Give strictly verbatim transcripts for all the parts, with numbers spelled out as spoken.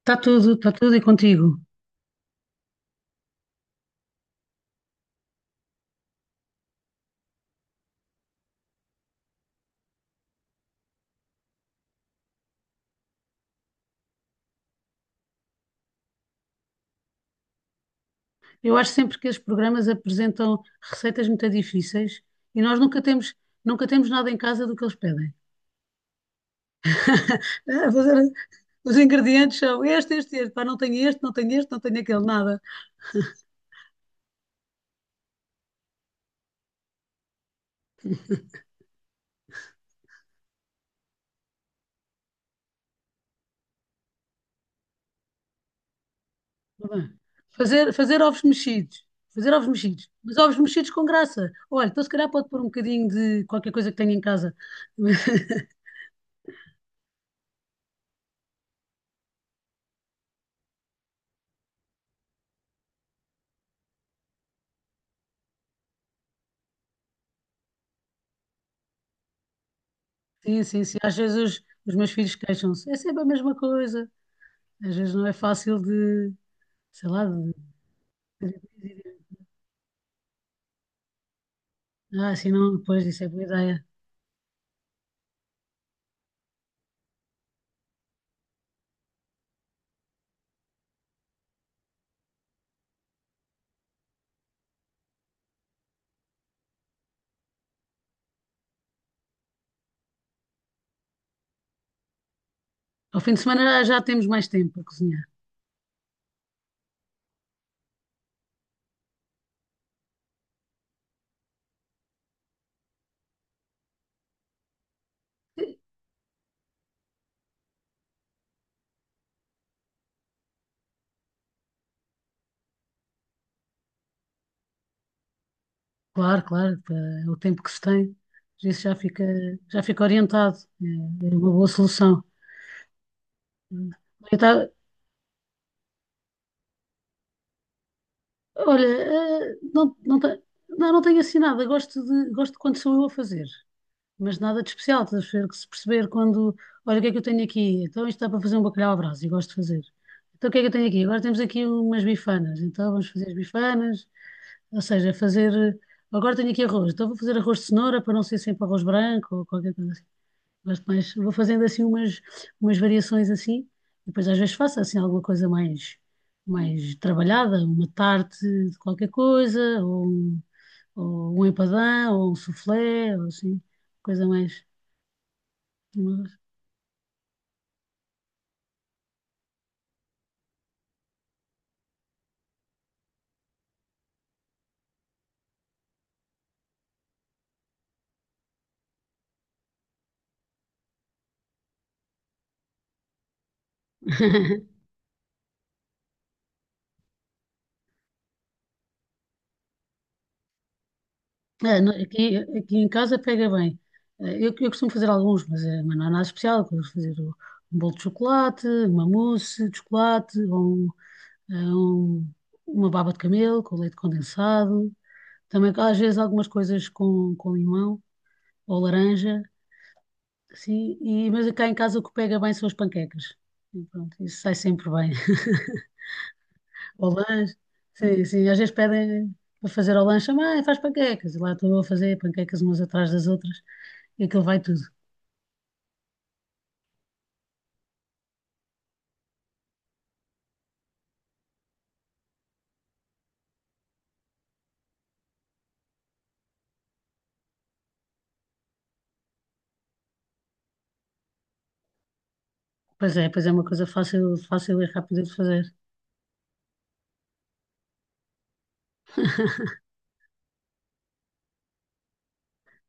Está tudo, está tudo e contigo. Eu acho sempre que esses programas apresentam receitas muito difíceis e nós nunca temos, nunca temos nada em casa do que eles pedem. A fazer- Os ingredientes são este, este, este. Pá, não tenho este, não tenho este, não tenho aquele, nada. Tá bem. Fazer, fazer ovos mexidos. Fazer ovos mexidos. Mas ovos mexidos com graça. Olha, então se calhar pode pôr um bocadinho de qualquer coisa que tenha em casa. Sim, sim, sim. Às vezes os, os meus filhos queixam-se. É sempre a mesma coisa. Às vezes não é fácil de, sei lá, de Fazer coisas e- Ah, sim, não, pois isso é boa ideia. Ao fim de semana já temos mais tempo para cozinhar. E, Claro, claro, pá, é o tempo que se tem, isso já fica, já fica orientado. É, é uma boa solução. Hum. Eu ta- olha, eh, não, não, te- não, não tenho assim nada. Gosto de, gosto de quando sou eu a fazer, mas nada de especial. Estás a ver que se perceber quando, olha, o que é que eu tenho aqui? Então isto dá para fazer um bacalhau à brasa. E gosto de fazer. Então o que é que eu tenho aqui? Agora temos aqui umas bifanas, então vamos fazer as bifanas. Ou seja, fazer. Agora tenho aqui arroz, então vou fazer arroz de cenoura para não ser sempre arroz branco ou qualquer coisa assim. Gosto mais, vou fazendo assim umas, umas variações assim, e depois às vezes faço assim alguma coisa mais, mais trabalhada, uma tarte de qualquer coisa, ou um, ou um empadão, ou um soufflé, ou assim, coisa mais. É, no- aqui, aqui em casa pega bem. Eh, Eu, eu costumo fazer alguns, mas, eh, mas não é nada especial. Eu costumo fazer o- Um bolo de chocolate, uma mousse de chocolate, ou um, eh, um- uma baba de camelo com leite condensado. Também às vezes algumas coisas com, com limão ou laranja. Assim, e, mas cá em casa o que pega bem são as panquecas. E pronto, isso sai sempre bem. Ao lanche, sim, sim, às vezes pedem para fazer ao lanche, mãe, faz panquecas. E lá estou eu a fazer panquecas umas atrás das outras e aquilo vai tudo. Pois é, pois é uma coisa fácil, fácil e rápida de fazer.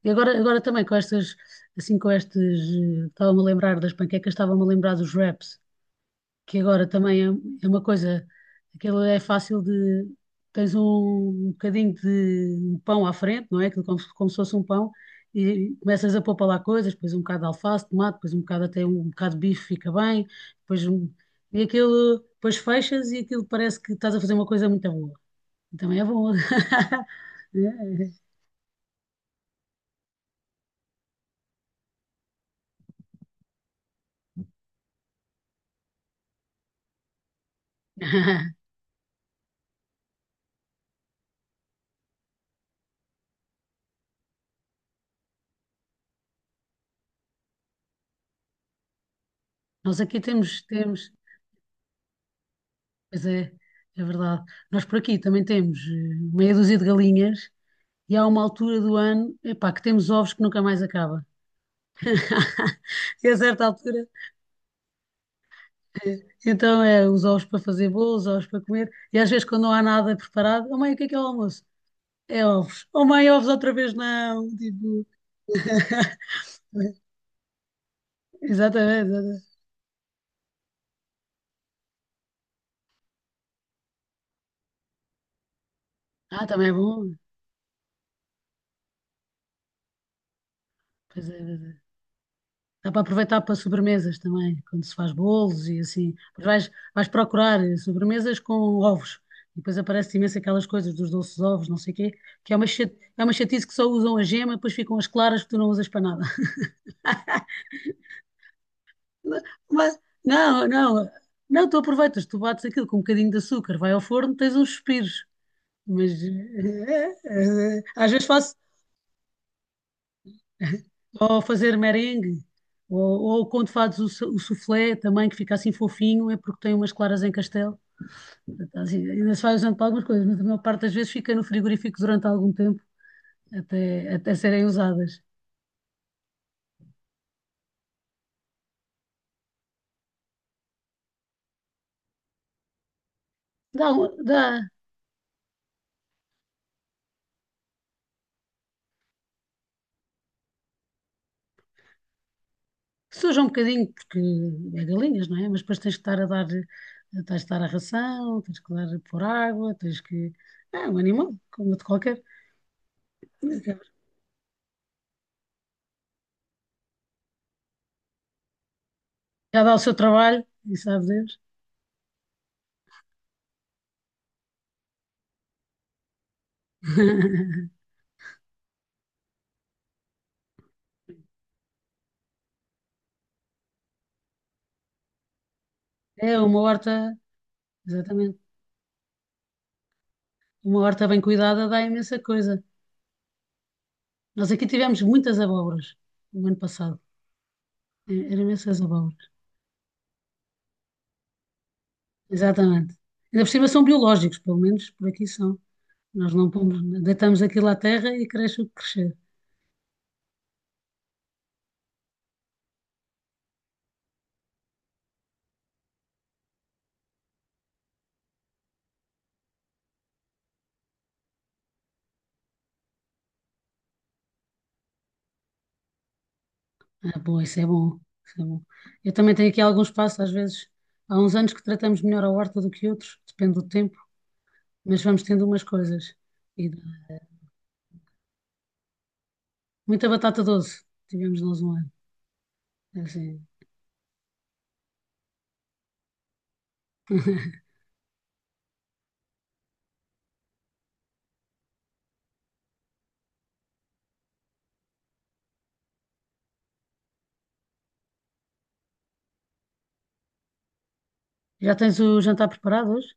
E agora, agora também com estas, assim com estes, eh, estava-me a lembrar das panquecas, estava-me a lembrar dos wraps, que agora também é, é uma coisa, aquilo é fácil de, tens um um bocadinho de um pão à frente, não é? Aquilo como, se- como se fosse um pão, e começas a pôr para lá coisas, depois um bocado de alface, tomate, depois um bocado até um um bocado de bife fica bem, depois um, e aquilo, depois fechas e aquilo parece que estás a fazer uma coisa muito boa. Também é bom. É. Nós aqui temos, temos, pois é, é verdade. Nós por aqui também temos eh, meia dúzia de galinhas e há uma altura do ano, epá, que temos ovos que nunca mais acaba. E a certa altura, eh, então é os ovos para fazer bolos, ovos para comer, e às vezes quando não há nada preparado, oh mãe, o que é que é o almoço? É ovos. Oh mãe, ovos outra vez não. Tipo, exatamente, exatamente. Ah, também é bom. Pois é, pois é. Dá para aproveitar para sobremesas também, quando se faz bolos e assim. Mas vais, vais procurar eh, sobremesas com ovos. E depois aparece imenso aquelas coisas dos doces de ovos, não sei o quê, que é uma, chate- é uma chatice que só usam a gema, depois ficam as claras que tu não usas para nada. Mas, não, não, não, tu aproveitas, tu bates aquilo com um bocadinho de açúcar, vai ao forno, tens uns suspiros. Mas eh, eh, eh, às vezes faço ou fazer merengue, ou, ou quando fazes o, su- o soufflé também, que fica assim fofinho, é porque tem umas claras em castelo. Assim, ainda se vai usando para algumas coisas, mas a maior parte das vezes fica no frigorífico durante algum tempo, até, até serem usadas. Dá, um- dá, suja um bocadinho, porque é galinhas, não é? Mas depois tens que estar a dar, tens de estar a ração, tens que dar por água, tens que. É um animal, como de qualquer. Já dá o seu trabalho, e sabe Deus. É uma horta, exatamente. Uma horta bem cuidada dá imensa coisa. Nós aqui tivemos muitas abóboras no ano passado. E- Eram imensas abóboras. Exatamente. Ainda por cima são biológicos, pelo menos por aqui são. Nós não pomos, deitamos aquilo à terra e cresce o que crescer. Ah, bom, isso é bom. Isso é bom. Eu também tenho aqui algum espaço, às vezes. Há uns anos que tratamos melhor a horta do que outros, depende do tempo, mas vamos tendo umas coisas. E dá. Muita batata doce tivemos nós um ano. É assim. Já tens o jantar preparado hoje?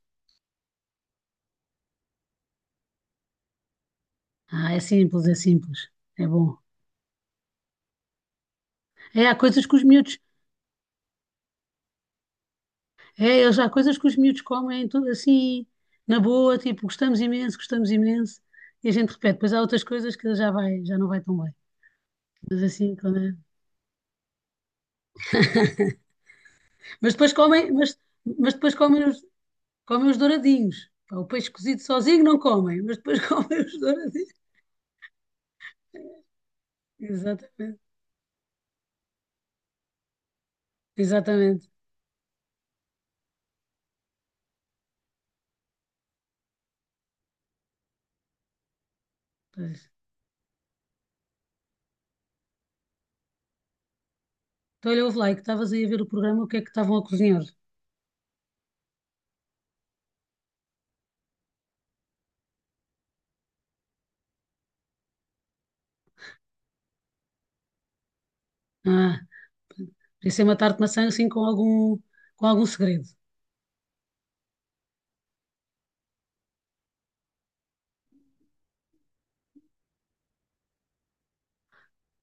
Ah, é simples, é simples. É bom. É, há coisas que os miúdos. É, eles, há coisas que os miúdos comem, tudo assim, na boa, tipo, gostamos imenso, gostamos imenso. E a gente repete. Depois há outras coisas que já vai, já não vai tão bem. Mas assim, quando é... Mas depois comem, mas, mas depois comem os, comem os douradinhos. Pá, o peixe cozido sozinho não comem, mas depois comem os douradinhos. Exatamente, exatamente. Pois. Então, olha, ouve lá, é que estavas aí a ver o programa, o que é que estavam a cozinhar? Ah. Podia ser uma tarte de maçã assim com algum, com algum segredo.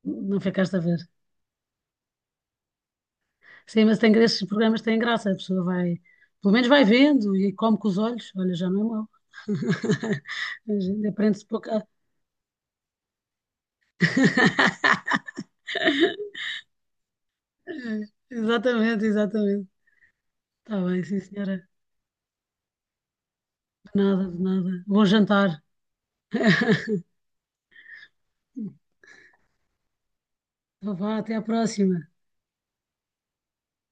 Não ficaste a ver. Sim, mas tem, esses programas têm graça, a pessoa vai, pelo menos vai vendo e come com os olhos. Olha, já não é mau. A gente aprende-se pouco. A- Exatamente, exatamente. Está bem, sim, senhora. De nada, de nada. Bom jantar. Então vá, até à próxima.